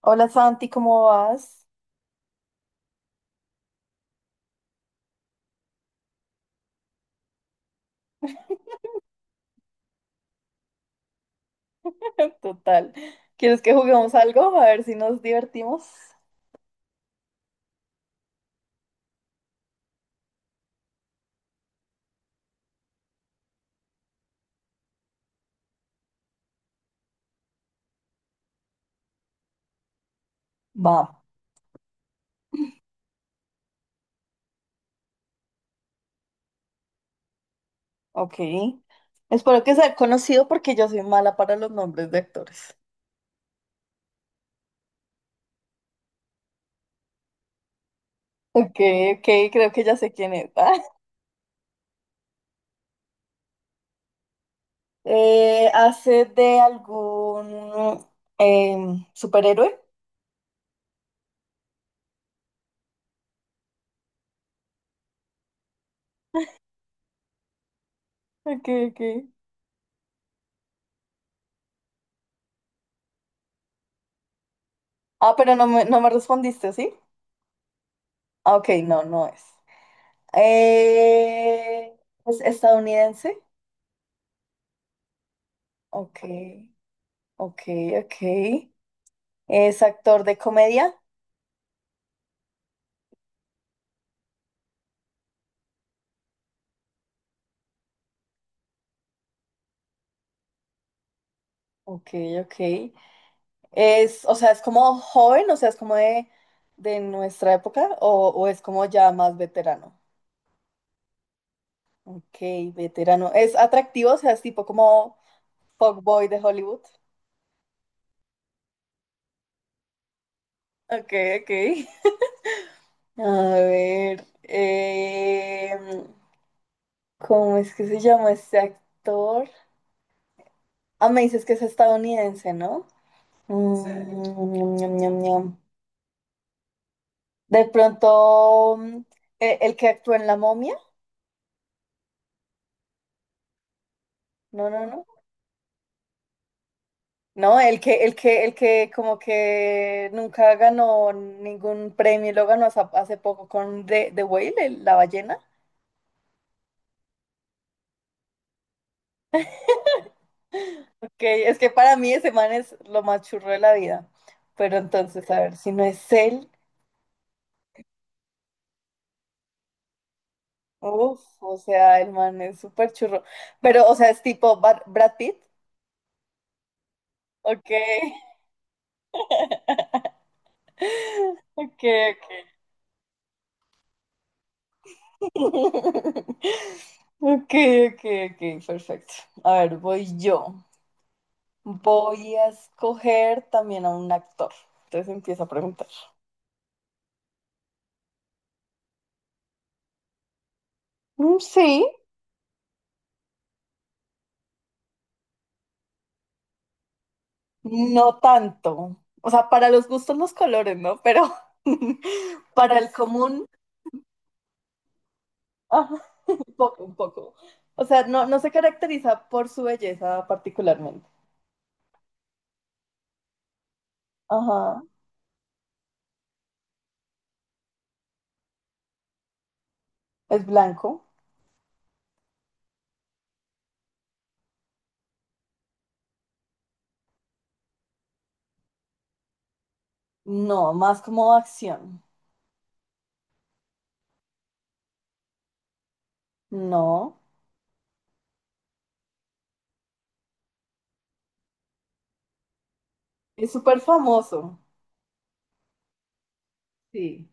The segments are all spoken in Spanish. Hola Santi, ¿cómo vas? Total. ¿Quieres que juguemos algo? A ver si nos divertimos. Va, ok. Espero que sea conocido porque yo soy mala para los nombres de actores. Ok, ok, creo que ya sé quién es. ¿Hace de algún superhéroe? Ok, ok. Ah, pero no me respondiste, ¿sí? Ah, ok, no, no es. Eh, ¿Es estadounidense? Ok, ok, ok. Es actor de comedia. Ok, ok. Es, o sea, es como joven, o sea, es como de nuestra época, o es como ya más veterano. Ok, veterano. Es atractivo, o sea, es tipo como fuckboy de Hollywood. Ok, ok. A ver, ¿cómo es que se llama este actor? Ah, me dices que es estadounidense, ¿no? Mm, sí. Ñam, ñam, ñam. De pronto, el que actuó en La Momia. No, no, no. No, el que, el que, el que como que nunca ganó ningún premio, lo ganó hace, hace poco con The Whale, la ballena. Ok, es que para mí ese man es lo más churro de la vida. Pero entonces, a ver, si no es él, uff, o sea, el man es súper churro. Pero, o sea, es tipo Brad Pitt. Ok, ok, ok. Ok, ok, ok, perfecto. A ver, voy yo. Voy a escoger también a un actor. Entonces empiezo a preguntar. "Mm, sí, no tanto. O sea, para los gustos los colores, ¿no? Pero para el común, ajá, un poco, un poco. O sea, no, no se caracteriza por su belleza particularmente. Ajá. ¿Es blanco? No, más como acción. No. ¿Es súper famoso? Sí.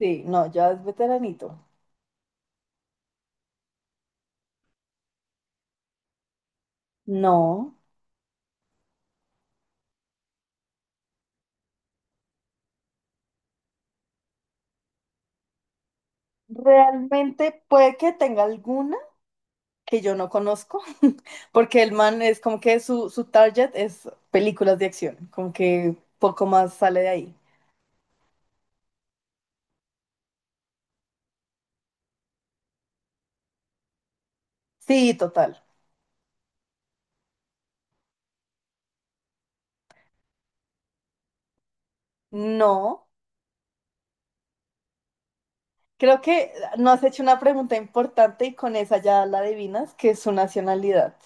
Sí, no, ya es veteranito. No. Realmente puede que tenga alguna que yo no conozco, porque el man es como que su target es películas de acción, como que poco más sale de ahí. Sí, total. No, creo que no has hecho una pregunta importante y con esa ya la adivinas, que es su nacionalidad.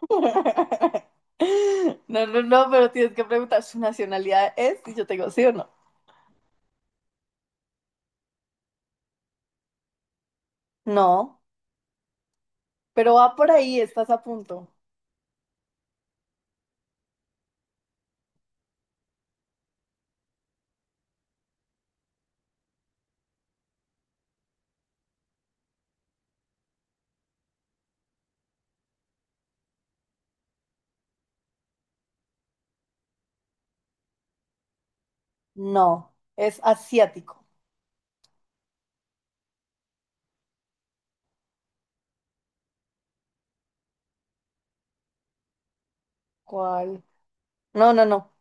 No, no, no, pero tienes que preguntar, ¿su nacionalidad es? Y yo te digo, ¿sí o no? No, pero va por ahí, estás a punto. No, es asiático. ¿Cuál? No, no, no.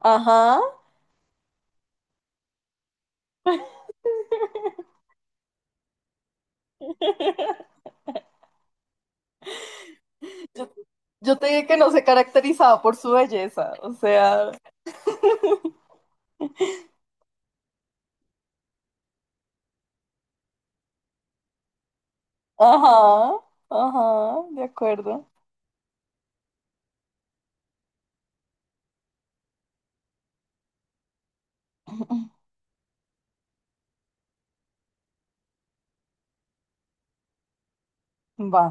Ajá. Yo, yo te dije que no se caracterizaba por su belleza, o sea, ajá, ajá, de acuerdo. Va.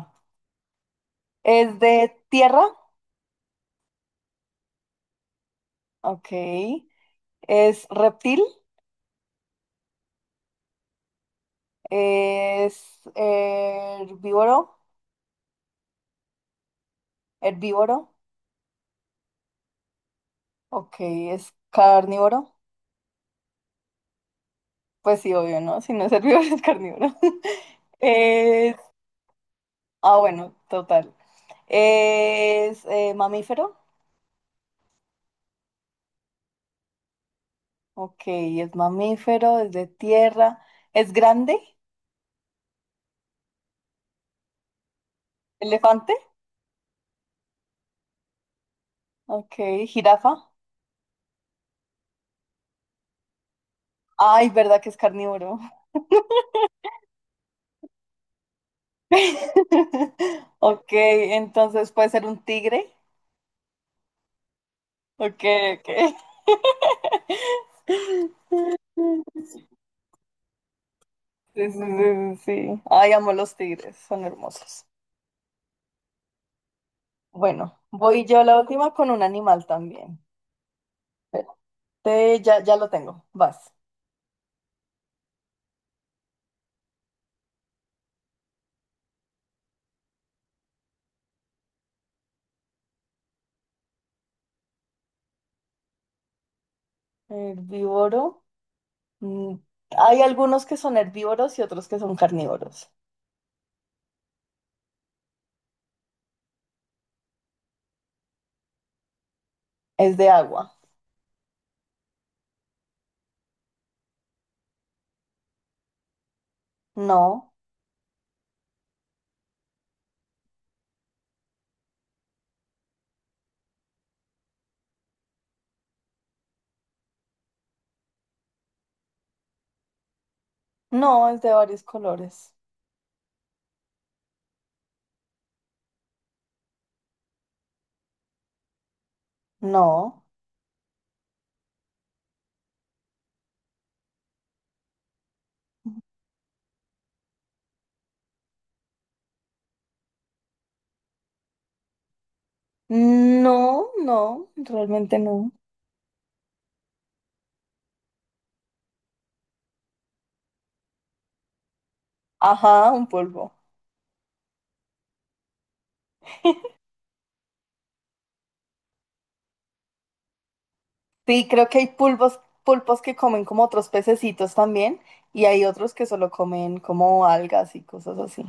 ¿Es de tierra? Ok. ¿Es reptil? ¿Es herbívoro? ¿Herbívoro? Ok. ¿Es carnívoro? Pues sí, obvio, ¿no? Si no es herbívoro, es carnívoro. Es... Ah, bueno, total. ¿Es mamífero? Ok, es mamífero, es de tierra, es grande, elefante, ok, jirafa. Ay, verdad que es carnívoro. Ok, entonces puede ser un tigre. Ok, ok. Sí, sí, sí, sí, sí. Ay, amo los tigres, son hermosos. Bueno, voy yo la última con un animal también. Espérate, ya, ya lo tengo, vas. Herbívoro. Mm, hay algunos que son herbívoros y otros que son carnívoros. Es de agua. No, no, es de varios colores. No, no, no, realmente no. Ajá, un pulpo. Sí, creo que hay pulpos, pulpos que comen como otros pececitos también y hay otros que solo comen como algas y cosas así.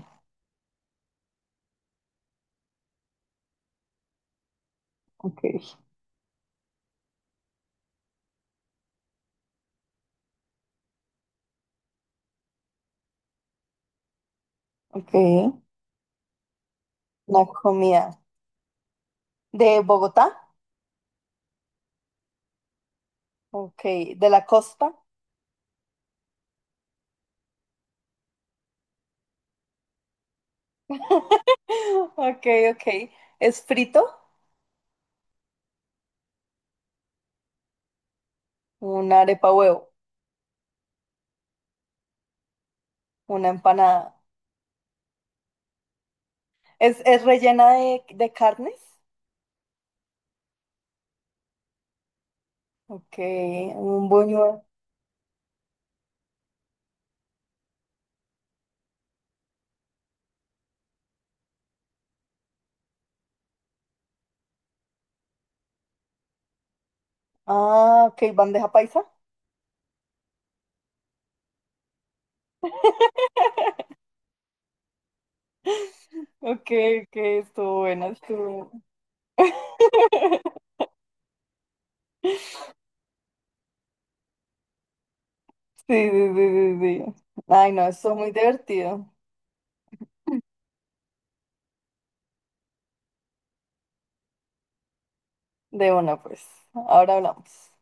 Ok, ok. Una comida. ¿De Bogotá? Ok, ¿de la costa? Ok, ok. ¿Es frito? Una arepa huevo. Una empanada. Es rellena de carnes? Ok, un buñuelo. Ah, ok, bandeja paisa. Ok, ok, estuvo buena, estuvo. Sí, sí, sí, sí, sí. Ay, no, estuvo muy divertido. De una, pues. Ahora hablamos.